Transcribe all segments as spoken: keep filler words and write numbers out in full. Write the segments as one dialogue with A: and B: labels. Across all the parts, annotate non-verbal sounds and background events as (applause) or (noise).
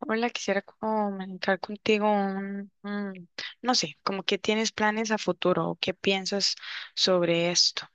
A: Hola, quisiera comunicar contigo un, un- no sé, como que tienes planes a futuro o qué piensas sobre esto.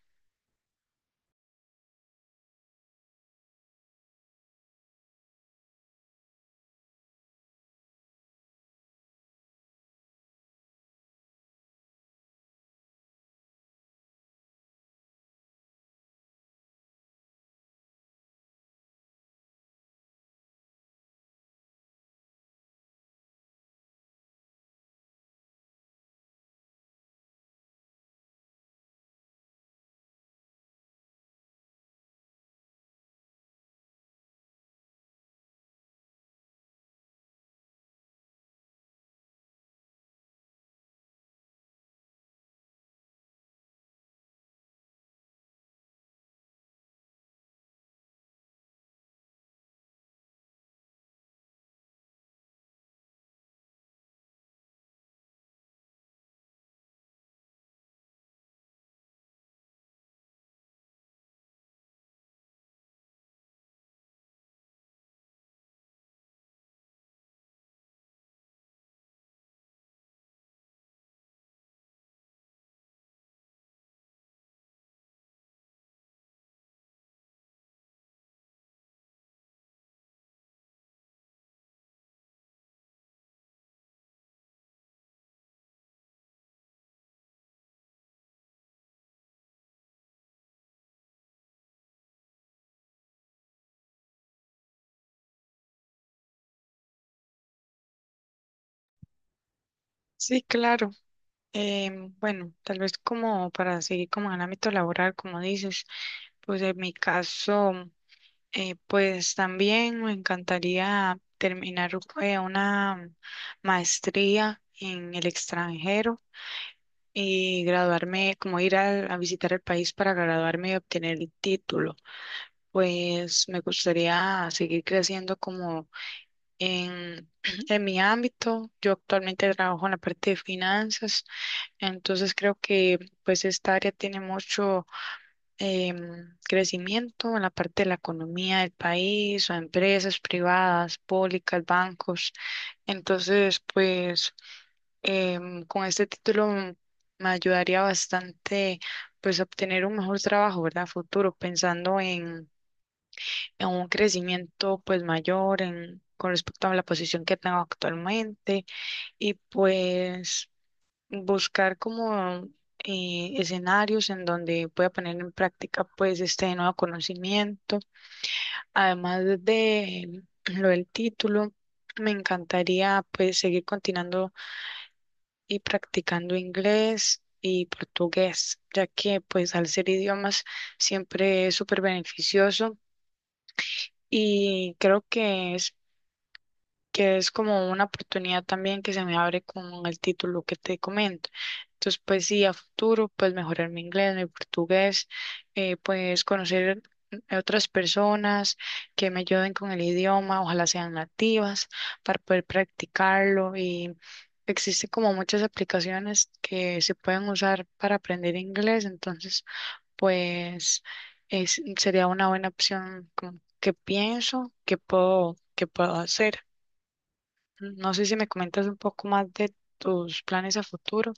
A: Sí, claro. Em, bueno, tal vez como para seguir como en el ámbito laboral, como dices, pues en mi caso, eh, pues también me encantaría terminar eh, una maestría en el extranjero y graduarme, como ir a, a visitar el país para graduarme y obtener el título. Pues me gustaría seguir creciendo como en, (clears throat) en mi ámbito. Yo actualmente trabajo en la parte de finanzas, entonces creo que pues esta área tiene mucho em, crecimiento en la parte de la economía del país o empresas privadas, públicas, bancos. Entonces pues em, con este título m- me ayudaría bastante pues a obtener un mejor trabajo, ¿verdad? Futuro, pensando en en un crecimiento pues mayor en, con respecto a la posición que tengo actualmente y pues buscar como eh, escenarios en donde pueda poner en práctica pues este nuevo conocimiento. Además de lo del título, me encantaría pues seguir continuando y practicando inglés y portugués, ya que pues al ser idiomas siempre es súper beneficioso y creo que es que es como una oportunidad también que se me abre con el título que te comento. Entonces, pues sí, a futuro, pues mejorar mi inglés, mi portugués, eh, pues conocer a otras personas que me ayuden con el idioma, ojalá sean nativas, para poder practicarlo. Y existe como muchas aplicaciones que se pueden usar para aprender inglés, entonces, pues es, sería una buena opción como que pienso que puedo, que puedo hacer. No sé si me comentas un poco más de tus planes a futuro.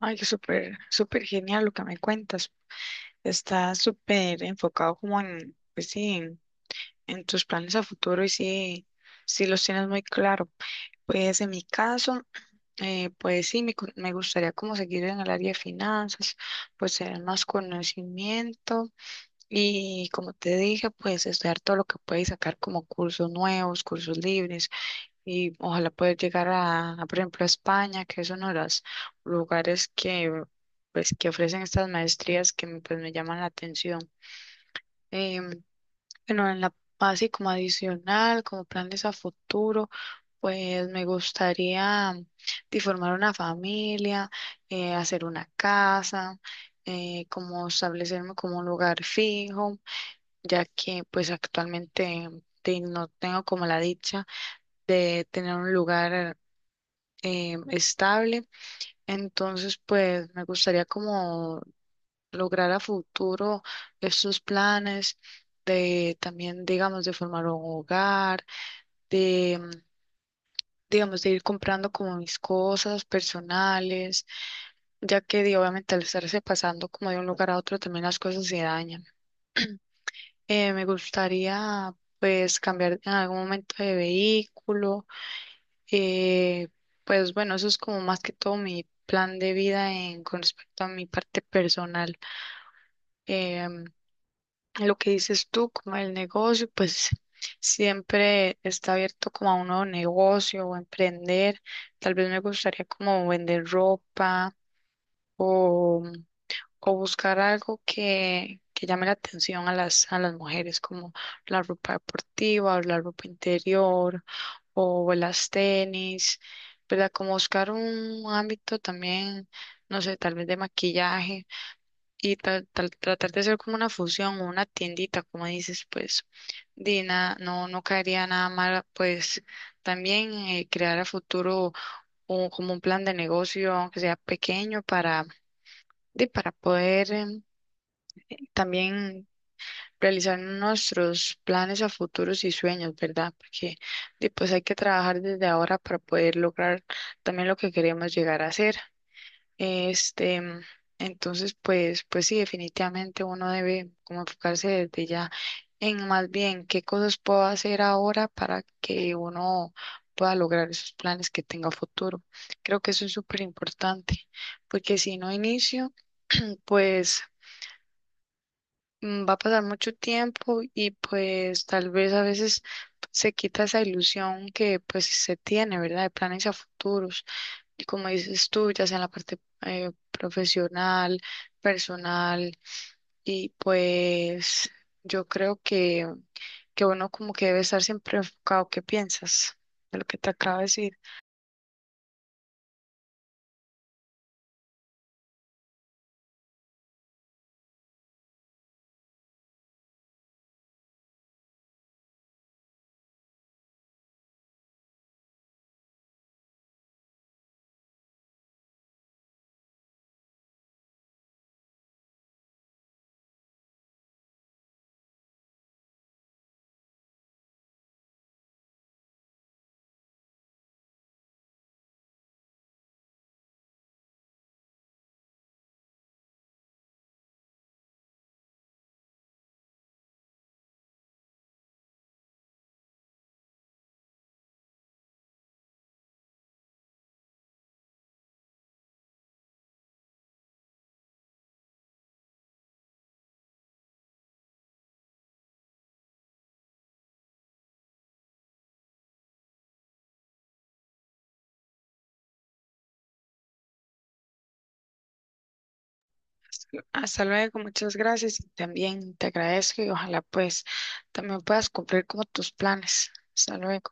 A: Ay, qué súper, súper genial lo que me cuentas. Estás súper enfocado como en, pues sí, en, en tus planes a futuro y sí, sí los tienes muy claro. Pues en mi caso, eh, pues sí, me, cu- me gustaría como seguir en el área de finanzas, pues tener más conocimiento y como te dije, pues estudiar todo lo que puedes sacar como cursos nuevos, cursos libres y ojalá poder llegar a, a, por ejemplo, a España, que es uno de los lugares que, pues, que ofrecen estas maestrías que me, pues, me llaman la atención. Em, bueno, en la así como adicional, como planes a futuro, pues me gustaría de formar una familia, eh, hacer una casa, eh, como establecerme como un lugar fijo, ya que pues actualmente te- no tengo como la dicha de tener un lugar eh, estable. Entonces, pues me gustaría como lograr a futuro estos planes de también, digamos, de formar un hogar, de, mm, digamos, de ir comprando como mis cosas personales, ya que di, obviamente al estarse pasando como de un lugar a otro también las cosas se dañan. Eh, me gustaría pues cambiar en algún momento de vehículo. Eh, pues bueno, eso es como más que todo mi plan de vida en, con respecto a mi parte personal. Em, lo que dices tú, como el negocio, pues siempre está abierto como a un nuevo negocio o emprender. Tal vez me gustaría como vender ropa o, o buscar algo que, que llame la atención a las, a las mujeres, como la ropa deportiva o la ropa interior o las tenis, ¿verdad? Como buscar un ámbito también, no sé, tal vez de maquillaje y tal, tal- tratar de hacer como una fusión o una tiendita, como dices, pues, Dina, no, no caería nada mal, pues, también eh, crear a futuro un- como un plan de negocio, aunque sea pequeño, para, de, para poder em, también realizar nuestros planes a futuros y sueños, ¿verdad? Porque de- pues hay que trabajar desde ahora para poder lograr también lo que queremos llegar a hacer. Este, entonces, pues, pues sí, definitivamente uno debe como enfocarse desde ya en más bien qué cosas puedo hacer ahora para que uno pueda lograr esos planes que tenga a futuro. Creo que eso es súper importante, porque si no inicio, pues mm, va a pasar mucho tiempo y pues tal vez a veces se quita esa ilusión que pues se tiene, ¿verdad? De planes a futuros. Y como dices tú, ya sea en la parte eh, profesional, personal, y pues yo creo que, que uno como que debe estar siempre enfocado. ¿Qué piensas de lo que te acabo de decir? Hasta luego, muchas gracias y también te agradezco y ojalá pues también puedas cumplir como tus planes. Hasta luego.